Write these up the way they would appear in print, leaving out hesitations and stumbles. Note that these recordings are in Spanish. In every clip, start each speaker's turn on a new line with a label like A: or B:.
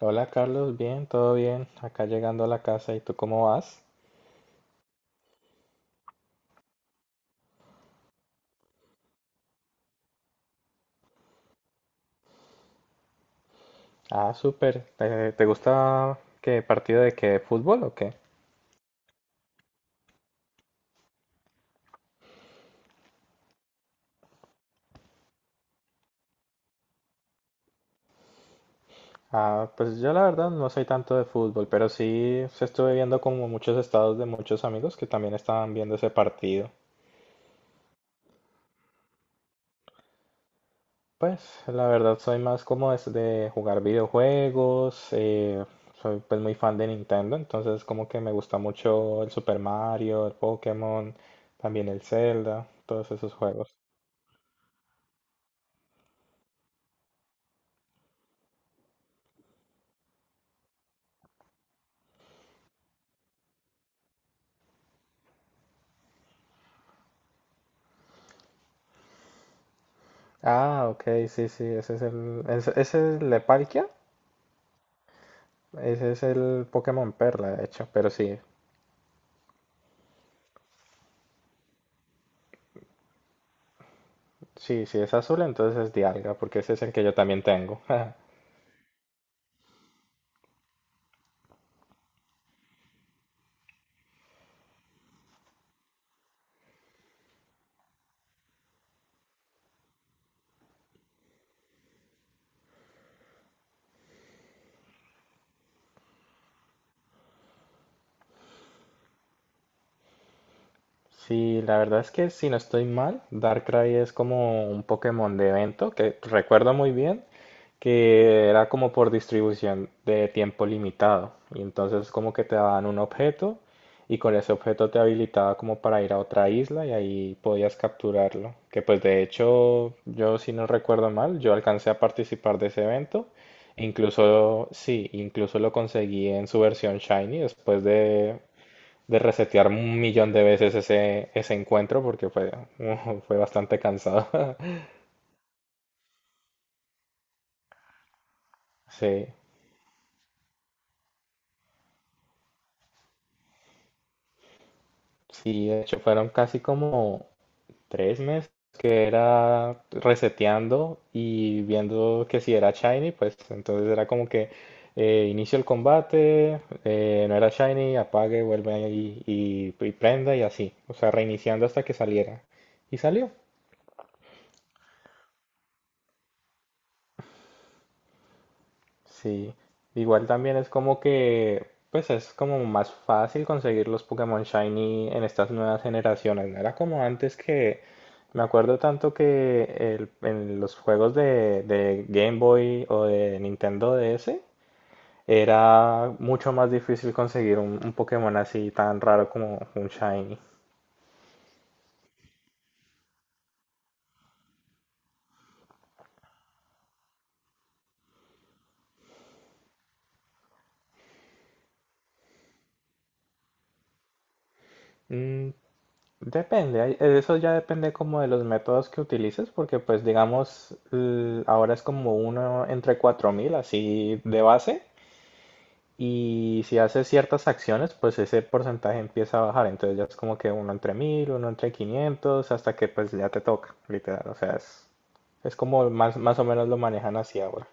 A: Hola Carlos, bien, todo bien. Acá llegando a la casa, ¿y tú cómo vas? Ah, súper. ¿Te, gusta qué partido de qué fútbol o qué? Ah, pues yo la verdad no soy tanto de fútbol, pero sí se estuve viendo como muchos estados de muchos amigos que también estaban viendo ese partido. Pues la verdad soy más como es de jugar videojuegos, soy pues muy fan de Nintendo, entonces como que me gusta mucho el Super Mario, el Pokémon, también el Zelda, todos esos juegos. Ah, ok, sí, sí, ese es el Leparkia. Ese es el Pokémon Perla, de hecho. Pero sí, sí, sí es azul, entonces es Dialga, porque ese es el que yo también tengo. Sí, la verdad es que si no estoy mal, Darkrai es como un Pokémon de evento que recuerdo muy bien que era como por distribución de tiempo limitado. Y entonces como que te daban un objeto y con ese objeto te habilitaba como para ir a otra isla y ahí podías capturarlo. Que pues de hecho yo si no recuerdo mal, yo alcancé a participar de ese evento. Incluso, sí, incluso lo conseguí en su versión Shiny después de resetear un millón de veces ese encuentro porque fue, fue bastante cansado. Sí, sí, de hecho fueron casi como 3 meses que era reseteando y viendo que si era shiny, pues entonces era como que inicio el combate, no era shiny, apague, vuelve ahí y prenda y así, o sea, reiniciando hasta que saliera. Y salió. Sí, igual también es como que, pues es como más fácil conseguir los Pokémon Shiny en estas nuevas generaciones. No era como antes que, me acuerdo tanto que en los juegos de Game Boy o de Nintendo DS era mucho más difícil conseguir un Pokémon así tan raro como un Shiny. Mm, Depende, eso ya depende como de los métodos que utilices, porque pues digamos, ahora es como uno entre 4000 así de base, y si haces ciertas acciones, pues ese porcentaje empieza a bajar, entonces ya es como que uno entre 1000 uno entre 500 hasta que pues ya te toca, literal, o sea, es, como más o menos lo manejan así ahora.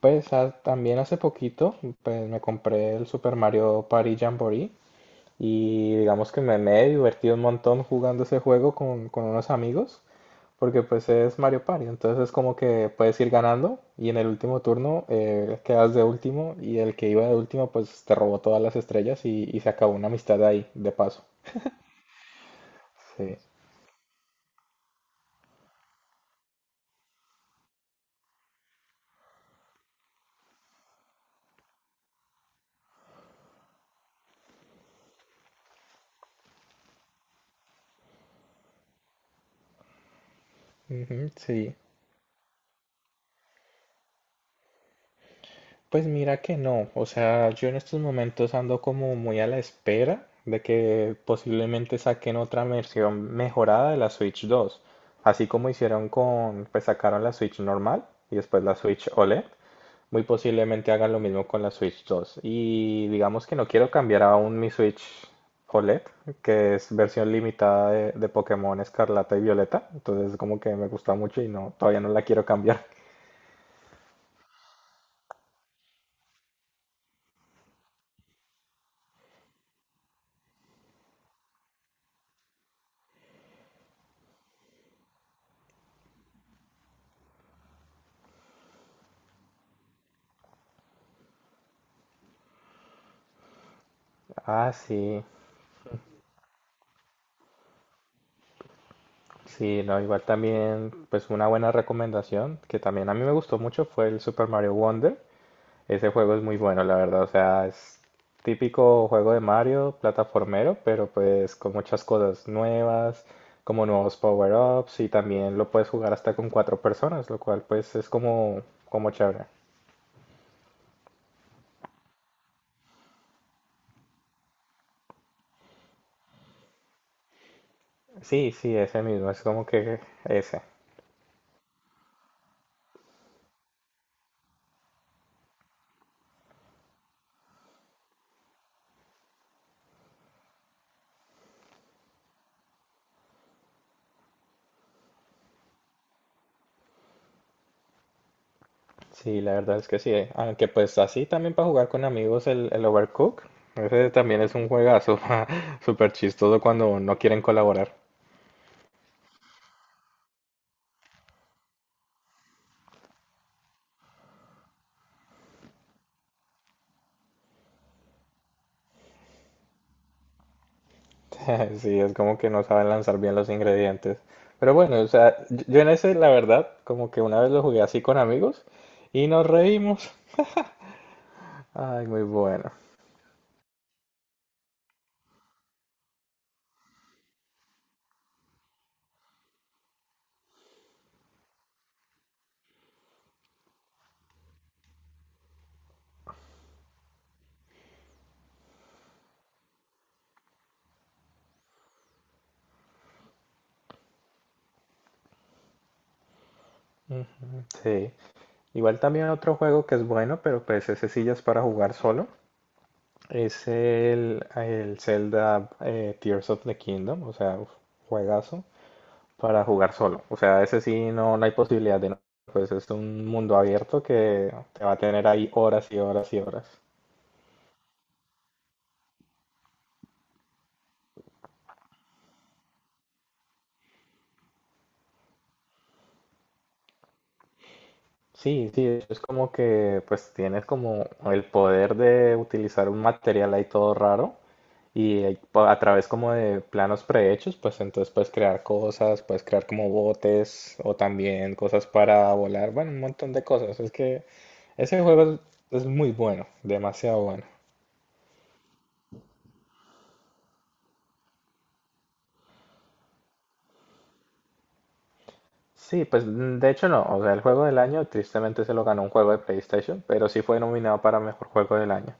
A: Pues también hace poquito, pues me compré el Super Mario Party Jamboree. Y digamos que me he divertido un montón jugando ese juego con unos amigos, porque pues es Mario Party, entonces es como que puedes ir ganando y en el último turno quedas de último y el que iba de último pues te robó todas las estrellas y se acabó una amistad ahí, de paso. Sí. Ujú, sí. Pues mira que no, o sea, yo en estos momentos ando como muy a la espera de que posiblemente saquen otra versión mejorada de la Switch 2, así como hicieron con, pues sacaron la Switch normal y después la Switch OLED, muy posiblemente hagan lo mismo con la Switch 2. Y digamos que no quiero cambiar aún mi Switch OLED, que es versión limitada de Pokémon Escarlata y Violeta, entonces como que me gusta mucho y no, todavía no la quiero cambiar. Ah, sí. Sí, no, igual también, pues una buena recomendación que también a mí me gustó mucho fue el Super Mario Wonder. Ese juego es muy bueno, la verdad. O sea, es típico juego de Mario, plataformero, pero pues con muchas cosas nuevas, como nuevos power-ups y también lo puedes jugar hasta con cuatro personas, lo cual pues es como, chévere. Sí, sí, ese mismo, es como que ese. Sí, la verdad es que sí. Aunque pues así también para jugar con amigos el Overcooked. Ese también es un juegazo súper chistoso cuando no quieren colaborar. Sí, es como que no saben lanzar bien los ingredientes. Pero bueno, o sea, yo en ese, la verdad, como que una vez lo jugué así con amigos y nos reímos. Ay, muy bueno. Ujú, sí. Igual también otro juego que es bueno, pero pues ese sí ya es para jugar solo. Es el Zelda Tears of the Kingdom, o sea, uf, juegazo para jugar solo. O sea, ese sí no, no hay posibilidad de no. Pues es un mundo abierto que te va a tener ahí horas y horas y horas. Sí, sí, es como que pues tienes como el poder de utilizar un material ahí todo raro y ahí a través como de planos prehechos, pues entonces puedes crear cosas, puedes crear como botes o también cosas para volar, bueno, un montón de cosas. Es que ese juego es, muy bueno, demasiado bueno. Sí, pues de hecho no, o sea, el juego del año tristemente se lo ganó un juego de PlayStation, pero sí fue nominado para mejor juego del año.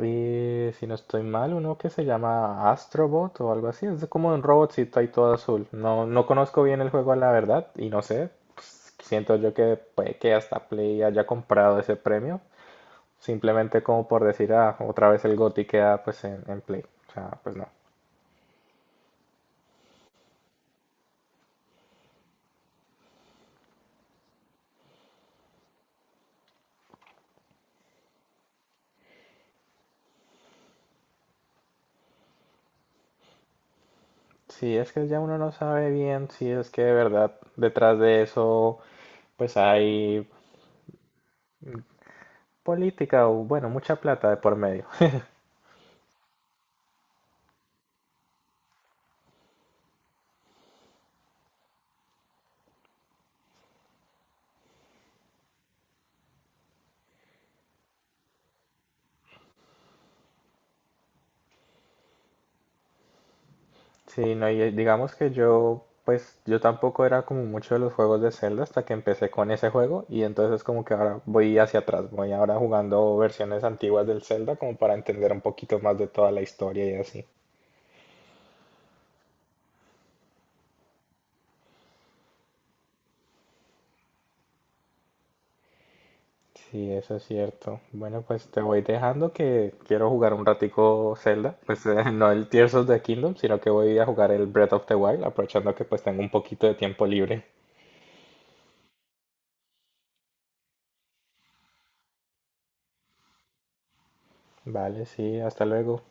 A: Y si no estoy mal, uno que se llama Astrobot o algo así. Es como un robotcito ahí todo azul. No, no conozco bien el juego, la verdad, y no sé. Pues, siento yo que puede que hasta Play haya comprado ese premio. Simplemente como por decir, otra vez el GOTY queda pues en Play. O sea, pues no. Sí, es que ya uno no sabe bien si es que de verdad detrás de eso pues hay política o bueno, mucha plata de por medio. Sí, no, y digamos que yo, pues yo tampoco era como mucho de los juegos de Zelda hasta que empecé con ese juego y entonces como que ahora voy hacia atrás, voy ahora jugando versiones antiguas del Zelda como para entender un poquito más de toda la historia y así. Sí, eso es cierto. Bueno, pues te voy dejando que quiero jugar un ratico Zelda, pues no el Tears of the Kingdom, sino que voy a jugar el Breath of the Wild, aprovechando que pues tengo un poquito de tiempo libre. Vale, sí, hasta luego.